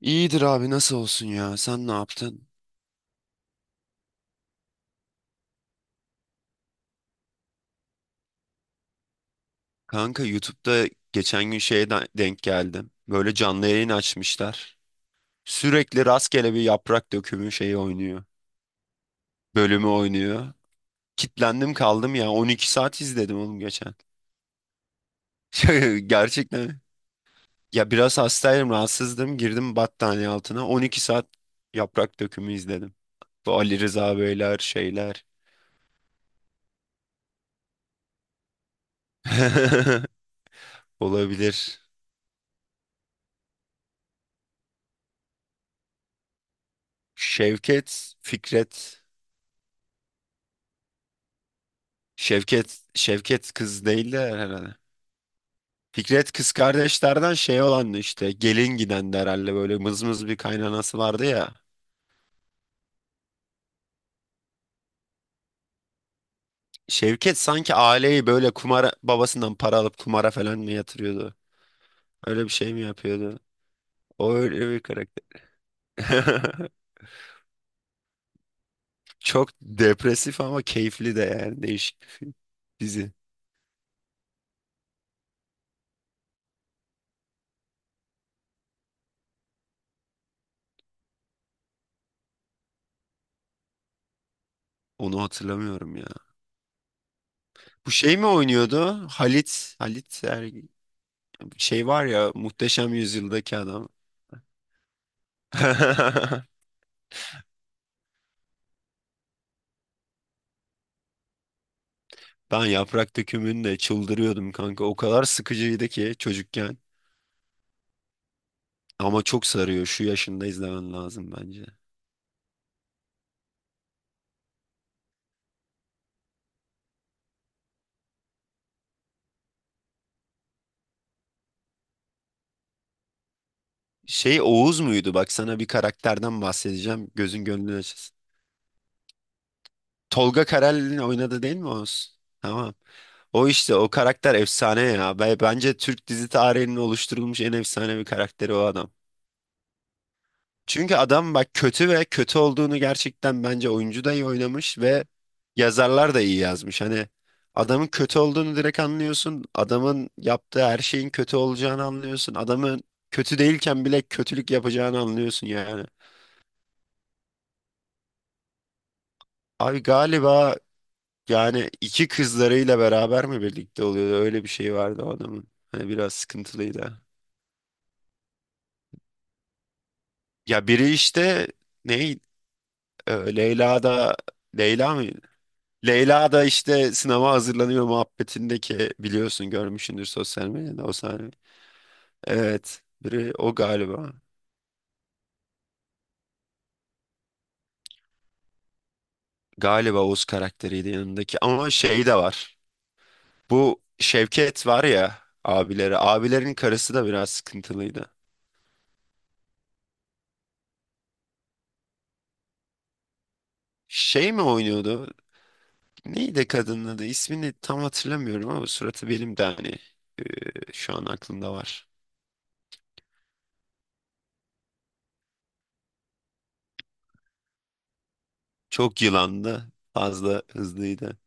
İyidir abi, nasıl olsun ya? Sen ne yaptın? Kanka YouTube'da geçen gün şeye denk geldim. Böyle canlı yayın açmışlar. Sürekli rastgele bir yaprak dökümü şeyi oynuyor. Bölümü oynuyor. Kitlendim kaldım ya. 12 saat izledim oğlum geçen. Gerçekten. Ya biraz hastaydım, rahatsızdım. Girdim battaniye altına. 12 saat yaprak dökümü izledim. Bu Ali Rıza Beyler şeyler. Olabilir. Şevket, Fikret. Şevket Şevket kız değil de herhalde. Fikret kız kardeşlerden şey olan işte gelin giden de herhalde, böyle mızmız bir kaynanası vardı ya. Şevket sanki aileyi böyle kumara, babasından para alıp kumara falan mı yatırıyordu? Öyle bir şey mi yapıyordu? O öyle bir karakter. Çok depresif ama keyifli de, yani değişik bir film, dizi. Onu hatırlamıyorum ya. Bu şey mi oynuyordu? Halit, şey var ya, Muhteşem Yüzyıldaki adam. Ben yaprak dökümünde çıldırıyordum kanka. O kadar sıkıcıydı ki çocukken. Ama çok sarıyor. Şu yaşında izlemen lazım bence. Şey Oğuz muydu? Bak sana bir karakterden bahsedeceğim. Gözün gönlün açılsın. Tolga Karel'in oynadı değil mi Oğuz? Tamam. O işte o karakter efsane ya. Bence Türk dizi tarihinin oluşturulmuş en efsane bir karakteri o adam. Çünkü adam bak kötü, ve kötü olduğunu gerçekten bence oyuncu da iyi oynamış ve yazarlar da iyi yazmış. Hani adamın kötü olduğunu direkt anlıyorsun. Adamın yaptığı her şeyin kötü olacağını anlıyorsun. Adamın kötü değilken bile kötülük yapacağını anlıyorsun yani. Abi galiba yani iki kızlarıyla beraber mi birlikte oluyordu? Öyle bir şey vardı o adamın. Hani biraz sıkıntılıydı. Ya biri işte ne Leyla da Leyla mı? Leyla da işte sınava hazırlanıyor muhabbetindeki, biliyorsun, görmüşsündür sosyal medyada o sahne. Evet, biri o galiba. Galiba Oğuz karakteriydi yanındaki, ama şey de var. Bu Şevket var ya, abileri. Abilerin karısı da biraz sıkıntılıydı. Şey mi oynuyordu? Neydi kadının adı? İsmini tam hatırlamıyorum ama suratı benim de hani şu an aklımda var. Çok yılandı. Fazla hızlıydı.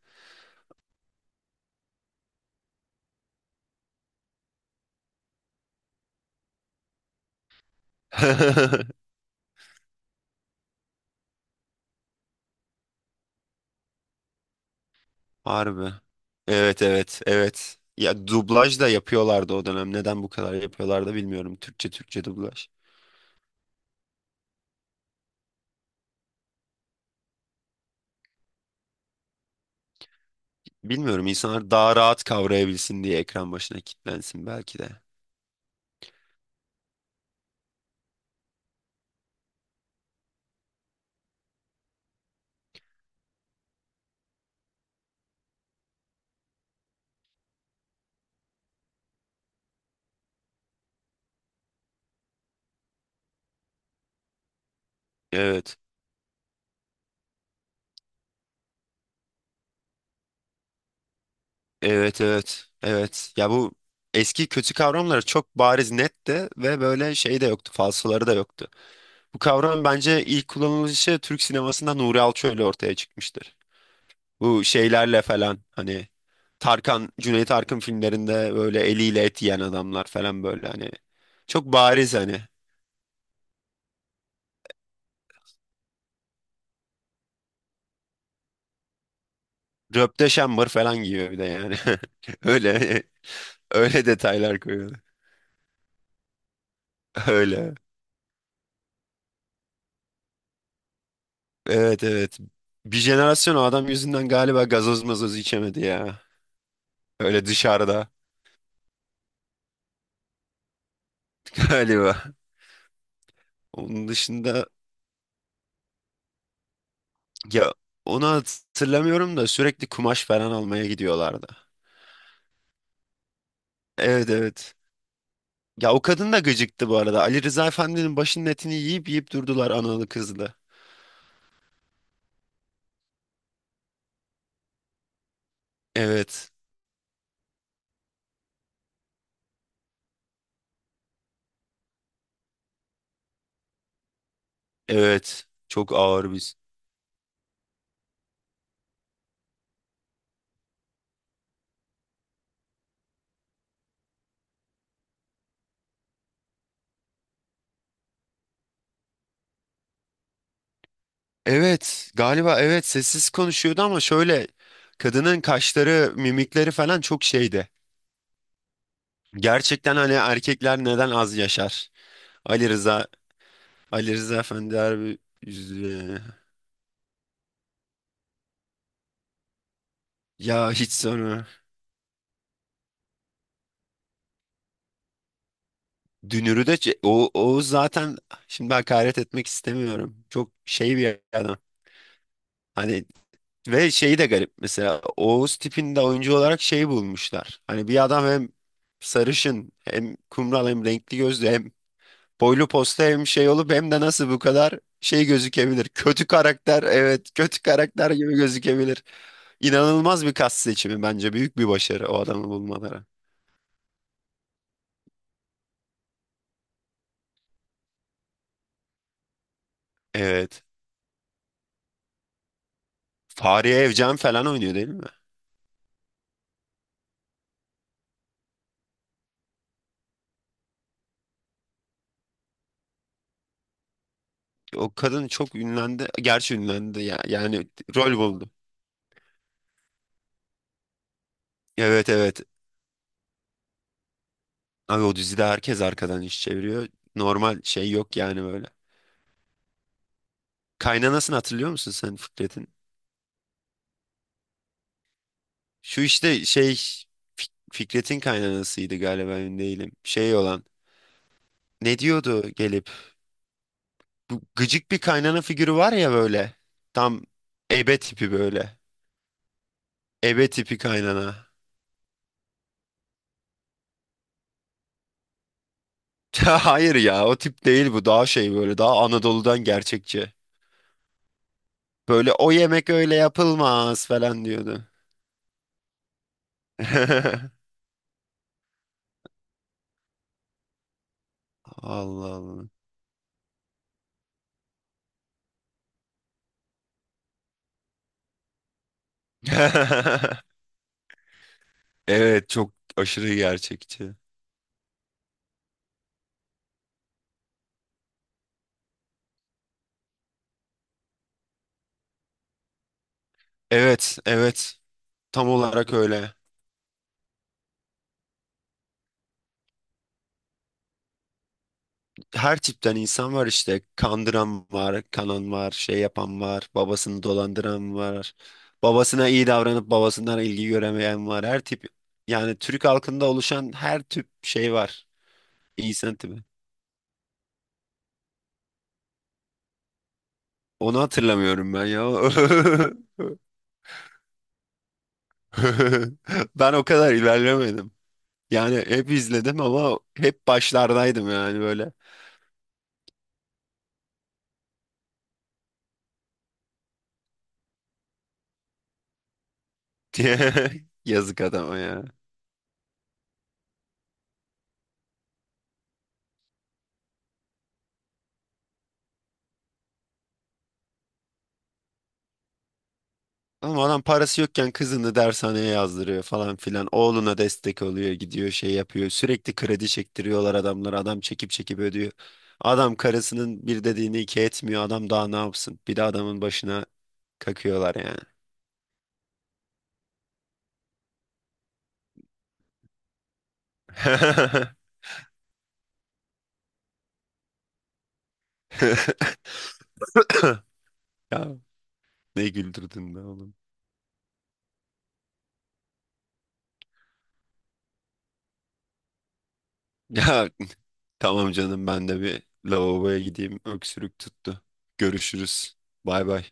Harbi. Evet evet evet. Ya dublaj da yapıyorlardı o dönem. Neden bu kadar yapıyorlardı bilmiyorum. Türkçe Türkçe dublaj. Bilmiyorum, insanlar daha rahat kavrayabilsin diye, ekran başına kilitlensin belki de. Evet. Evet evet. Evet. Ya bu eski kötü kavramları çok bariz netti ve böyle şey de yoktu. Falsoları da yoktu. Bu kavram bence ilk kullanılışı Türk sinemasında Nuri Alço ile ortaya çıkmıştır. Bu şeylerle falan hani Tarkan, Cüneyt Arkın filmlerinde böyle eliyle et yiyen adamlar falan böyle hani. Çok bariz hani. Röpte şambır falan giyiyor bir de yani. Öyle öyle detaylar koyuyor. Öyle. Evet evet. Bir jenerasyon o adam yüzünden galiba gazoz mazoz içemedi ya. Öyle dışarıda galiba. Onun dışında ya, onu hatırlamıyorum da sürekli kumaş falan almaya gidiyorlardı. Evet evet. Ya o kadın da gıcıktı bu arada. Ali Rıza Efendi'nin başının etini yiyip yiyip durdular analı kızlı. Evet. Evet. Çok ağır biz. Evet. Galiba evet sessiz konuşuyordu ama şöyle, kadının kaşları, mimikleri falan çok şeydi. Gerçekten hani erkekler neden az yaşar? Ali Rıza, Ali Rıza Efendi harbi üzücü. Ya hiç sonra. Dünürü de o zaten şimdi hakaret etmek istemiyorum. Çok şey bir adam. Hani ve şeyi de garip, mesela Oğuz tipinde oyuncu olarak şeyi bulmuşlar. Hani bir adam hem sarışın hem kumral hem renkli gözlü hem boylu posta hem şey olup hem de nasıl bu kadar şey gözükebilir. Kötü karakter, evet, kötü karakter gibi gözükebilir. İnanılmaz bir kas seçimi, bence büyük bir başarı o adamı bulmaları. Evet. Fahriye Evcen falan oynuyor değil mi? O kadın çok ünlendi. Gerçi ünlendi ya. Yani rol buldu. Evet evet. Abi o dizide herkes arkadan iş çeviriyor. Normal şey yok yani böyle. Kaynanasını hatırlıyor musun sen, Fikret'in? Şu işte şey, Fikret'in kaynanasıydı galiba, emin değilim. Şey olan, ne diyordu gelip? Bu gıcık bir kaynana figürü var ya böyle. Tam ebe tipi böyle. Ebe tipi kaynana. Hayır ya, o tip değil, bu daha şey böyle, daha Anadolu'dan, gerçekçi. Böyle o yemek öyle yapılmaz falan diyordu. Allah Allah. Evet, çok aşırı gerçekçi. Evet evet, tam olarak öyle. Her tipten insan var, işte kandıran var, kanan var, şey yapan var, babasını dolandıran var. Babasına iyi davranıp babasından ilgi göremeyen var. Her tip, yani Türk halkında oluşan her tip şey var. İnsan tipi. Onu hatırlamıyorum ben ya. Ben o kadar ilerlemedim. Yani hep izledim ama hep başlardaydım yani böyle. Yazık adama ya. Ama adam parası yokken kızını dershaneye yazdırıyor falan filan. Oğluna destek oluyor, gidiyor şey yapıyor. Sürekli kredi çektiriyorlar adamlara. Adam çekip çekip ödüyor. Adam karısının bir dediğini iki etmiyor. Adam daha ne yapsın? Bir de adamın başına kakıyorlar yani. Ya ne güldürdün be oğlum. Ya tamam canım, ben de bir lavaboya gideyim. Öksürük tuttu. Görüşürüz. Bay bay.